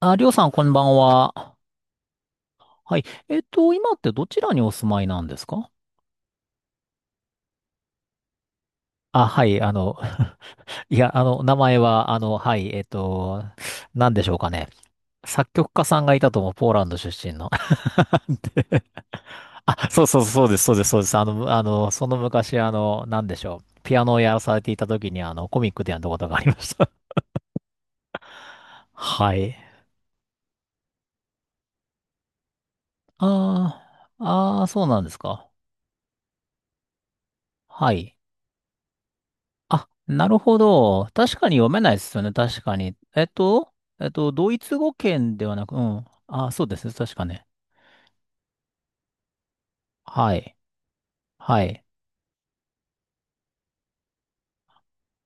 あ、りょうさん、こんばんは。はい。今ってどちらにお住まいなんですか？あ、はい、いや、名前は、はい、なんでしょうかね。作曲家さんがいたと思う、ポーランド出身の。で、あ、そうそう、そうです、そうです、そうです。その昔、なんでしょう。ピアノをやらされていた時に、コミックでやったことがありました。はい。ああ、ああ、そうなんですか。はい。あ、なるほど。確かに読めないですよね。確かに。えっと、ドイツ語圏ではなく、うん。あ、そうですね。確かね。はい。はい。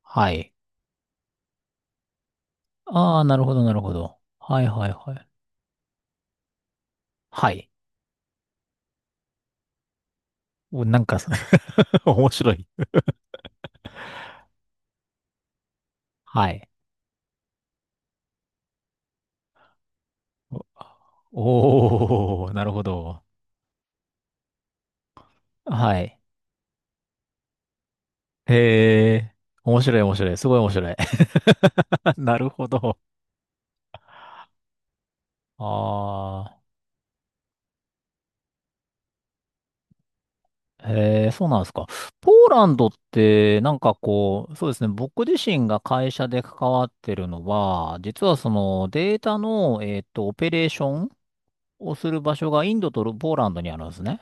はい。ああ、なるほど、なるほど。はい、はい、はい。はい。お、なんか、面白い。はい。おー、なるほど。はい。へえ、面白い、面白い。すごい面白い。なるほど。ああ。へえ、そうなんですか。ポーランドって、なんかこう、そうですね、僕自身が会社で関わってるのは、実はそのデータの、オペレーションをする場所がインドとポーランドにあるんですね。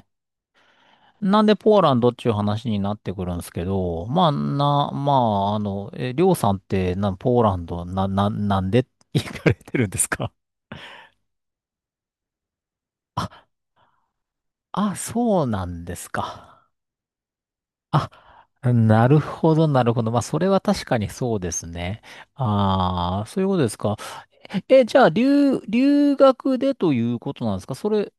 なんでポーランドっていう話になってくるんですけど、まあ、りょうさんってポーランド、なんで行かれてるんですか？ あ、あ、そうなんですか。あ、なるほど、なるほど。まあ、それは確かにそうですね。ああ、そういうことですか。え、じゃあ、留学でということなんですか、それ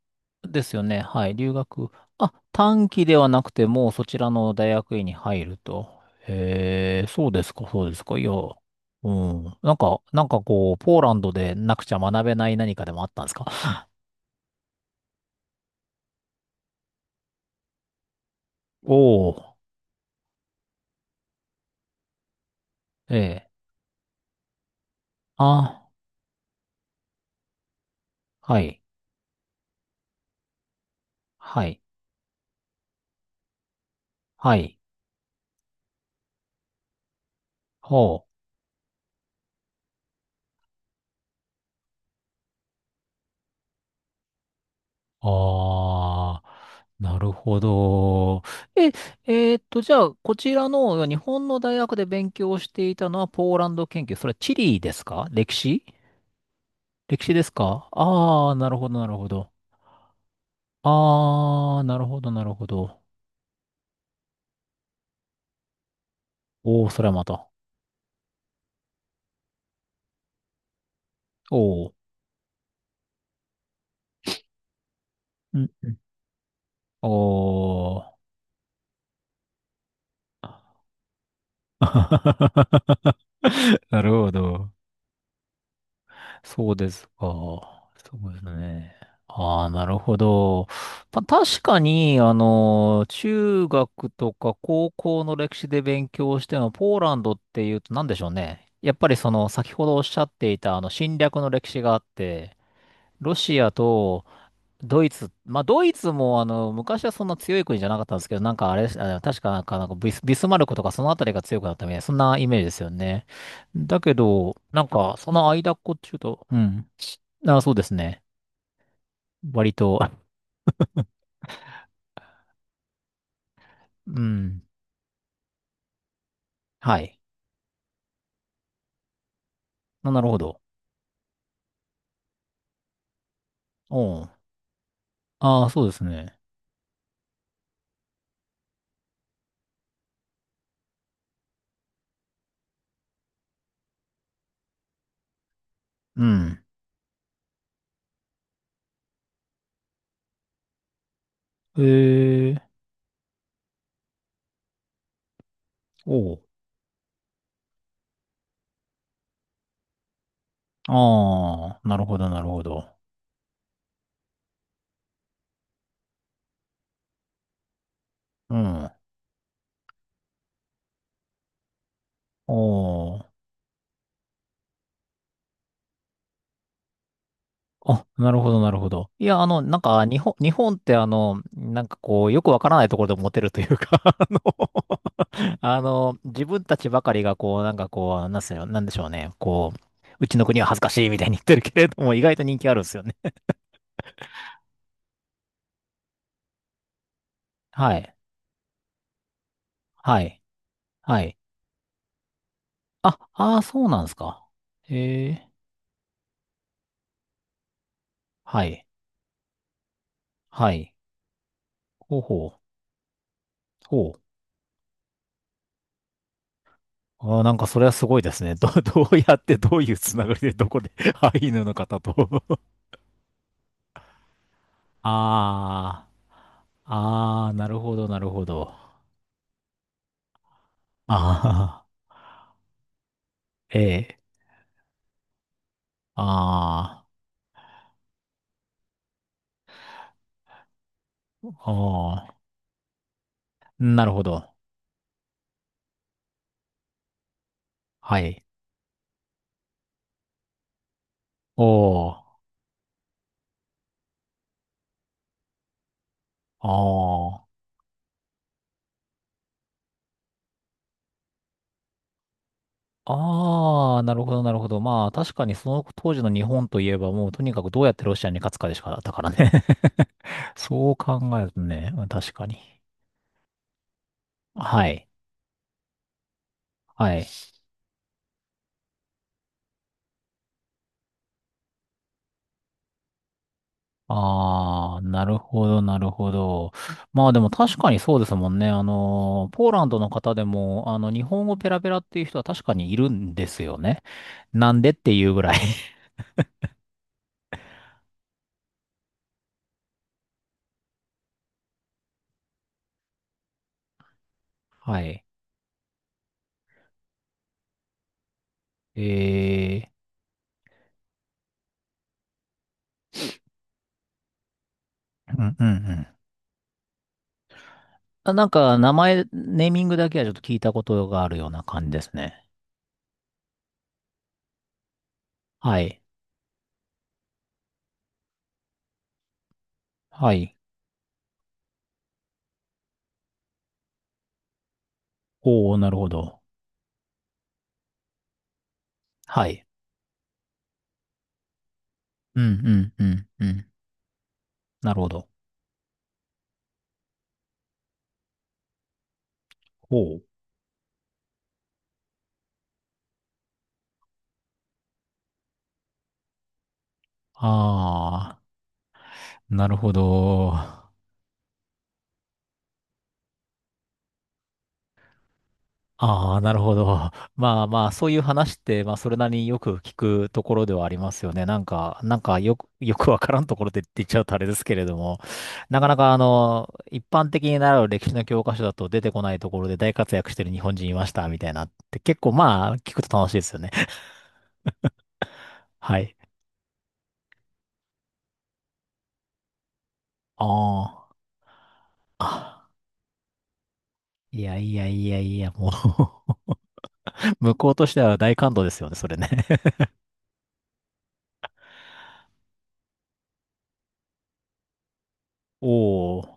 ですよね。はい、留学。あ、短期ではなくて、もうそちらの大学院に入ると。へえ、そうですか、そうですか。いや、うん。なんかこう、ポーランドでなくちゃ学べない何かでもあったんですか？おおー、ええ、あ、はい、はい、はい、ほう。ああ、なるほど。え、えーっと、じゃあ、こちらの日本の大学で勉強していたのはポーランド研究。それは地理ですか、歴史？歴史ですか、ああー、なるほど、なるほど。ああ、なるほど、なるほど。おお、それはまた。おお。うんうん。おお。なるほど。そうですか。そうですね。ああ、なるほど。まあ、確かに、中学とか高校の歴史で勉強しても、ポーランドっていうと何でしょうね。やっぱりその、先ほどおっしゃっていた、侵略の歴史があって、ロシアと、ドイツ、まあ、ドイツも、昔はそんな強い国じゃなかったんですけど、なんかあれ、あ、確かなんか、ビスマルクとかそのあたりが強くなったみたいな、そんなイメージですよね。だけど、なんか、その間っこっちゅうと、うん。あ、そうですね。割と、うん。はい。あ、なるほど。おう。ああ、そうですね。うん。へえ、おう。ああ、なるほど、なるほど。うん。おう。あ、なるほど、なるほど。いや、なんか、日本って、なんかこう、よくわからないところでモテるというか、自分たちばかりが、こう、なんかこう、なんでしょうね、こう、うちの国は恥ずかしいみたいに言ってるけれども、意外と人気あるんですよね。はい、はい、はい。あ、ああ、そうなんですか。ええ、はい、はい。ほうほう、ほう。あー、なんか、それはすごいですね。どうやって、どういうつながりで、どこで、アイヌの方と。ああ。ああ、なるほど、なるほど。ああ、ええ。ああ、ああ、なるほど。はい。おー、ああ。ああ、なるほど、なるほど。まあ、確かにその当時の日本といえば、もうとにかくどうやってロシアに勝つかでしかだったからね。そう考えるとね、うん、確かに。はい。はい。ああ、なるほど、なるほど。まあでも確かにそうですもんね。ポーランドの方でも、日本語ペラペラっていう人は確かにいるんですよね。なんでっていうぐらい。はい。えー、うんうんうん。あ、なんか、名前、ネーミングだけはちょっと聞いたことがあるような感じですね。はい。はい。おお、なるほど。はい。うんうんうんうん。なるほど。おう。ああ、なるほど。ああ、なるほど。まあまあ、そういう話って、まあ、それなりによく聞くところではありますよね。なんか、よくわからんところでって言っちゃうとあれですけれども、なかなか、一般的に習う歴史の教科書だと出てこないところで大活躍してる日本人いました、みたいなって、結構まあ、聞くと楽しいですよね。はい。ああ。あ、いやいやいやいや、もう 向こうとしては大感動ですよね、それね。おお。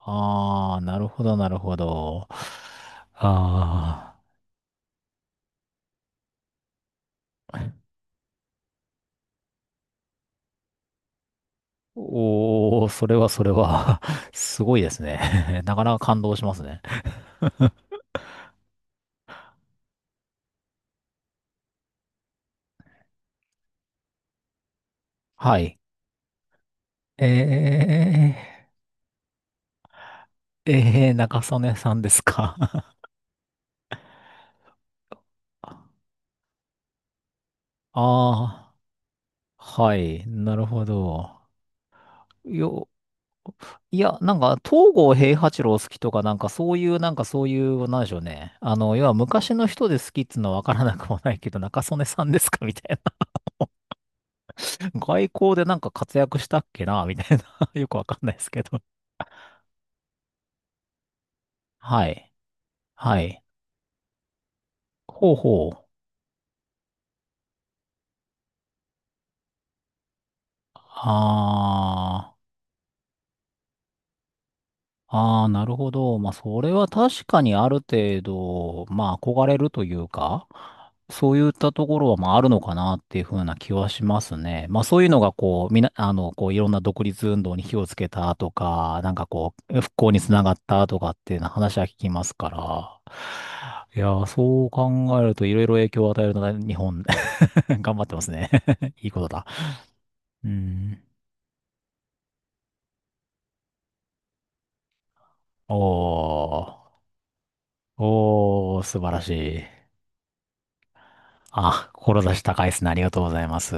ああ、なるほど、なるほど。ああ。おー、それはそれは すごいですね。 なかなか感動しますね。はい。ええー、中曽根さんですか？ ああー、はい、なるほど。よ、いや、なんか、東郷平八郎好きとか、なんかそういう、なんでしょうね。要は昔の人で好きっつうのはわからなくもないけど、中曽根さんですかみたいな。外交でなんか活躍したっけなみたいな。 よくわかんないですけど。はい。はい。ほうほう。ああ、ああ、なるほど。まあ、それは確かにある程度、まあ、憧れるというか、そういったところは、まあ、あるのかなっていうふうな気はしますね。まあ、そういうのが、こう、みな、あの、こう、いろんな独立運動に火をつけたとか、なんかこう、復興につながったとかっていうような話は聞きますから。いやー、そう考えると、いろいろ影響を与えるのが日本、頑張ってますね。いいことだ。うん。おー。おー、素晴らしい。あ、志高いですね。ありがとうございます。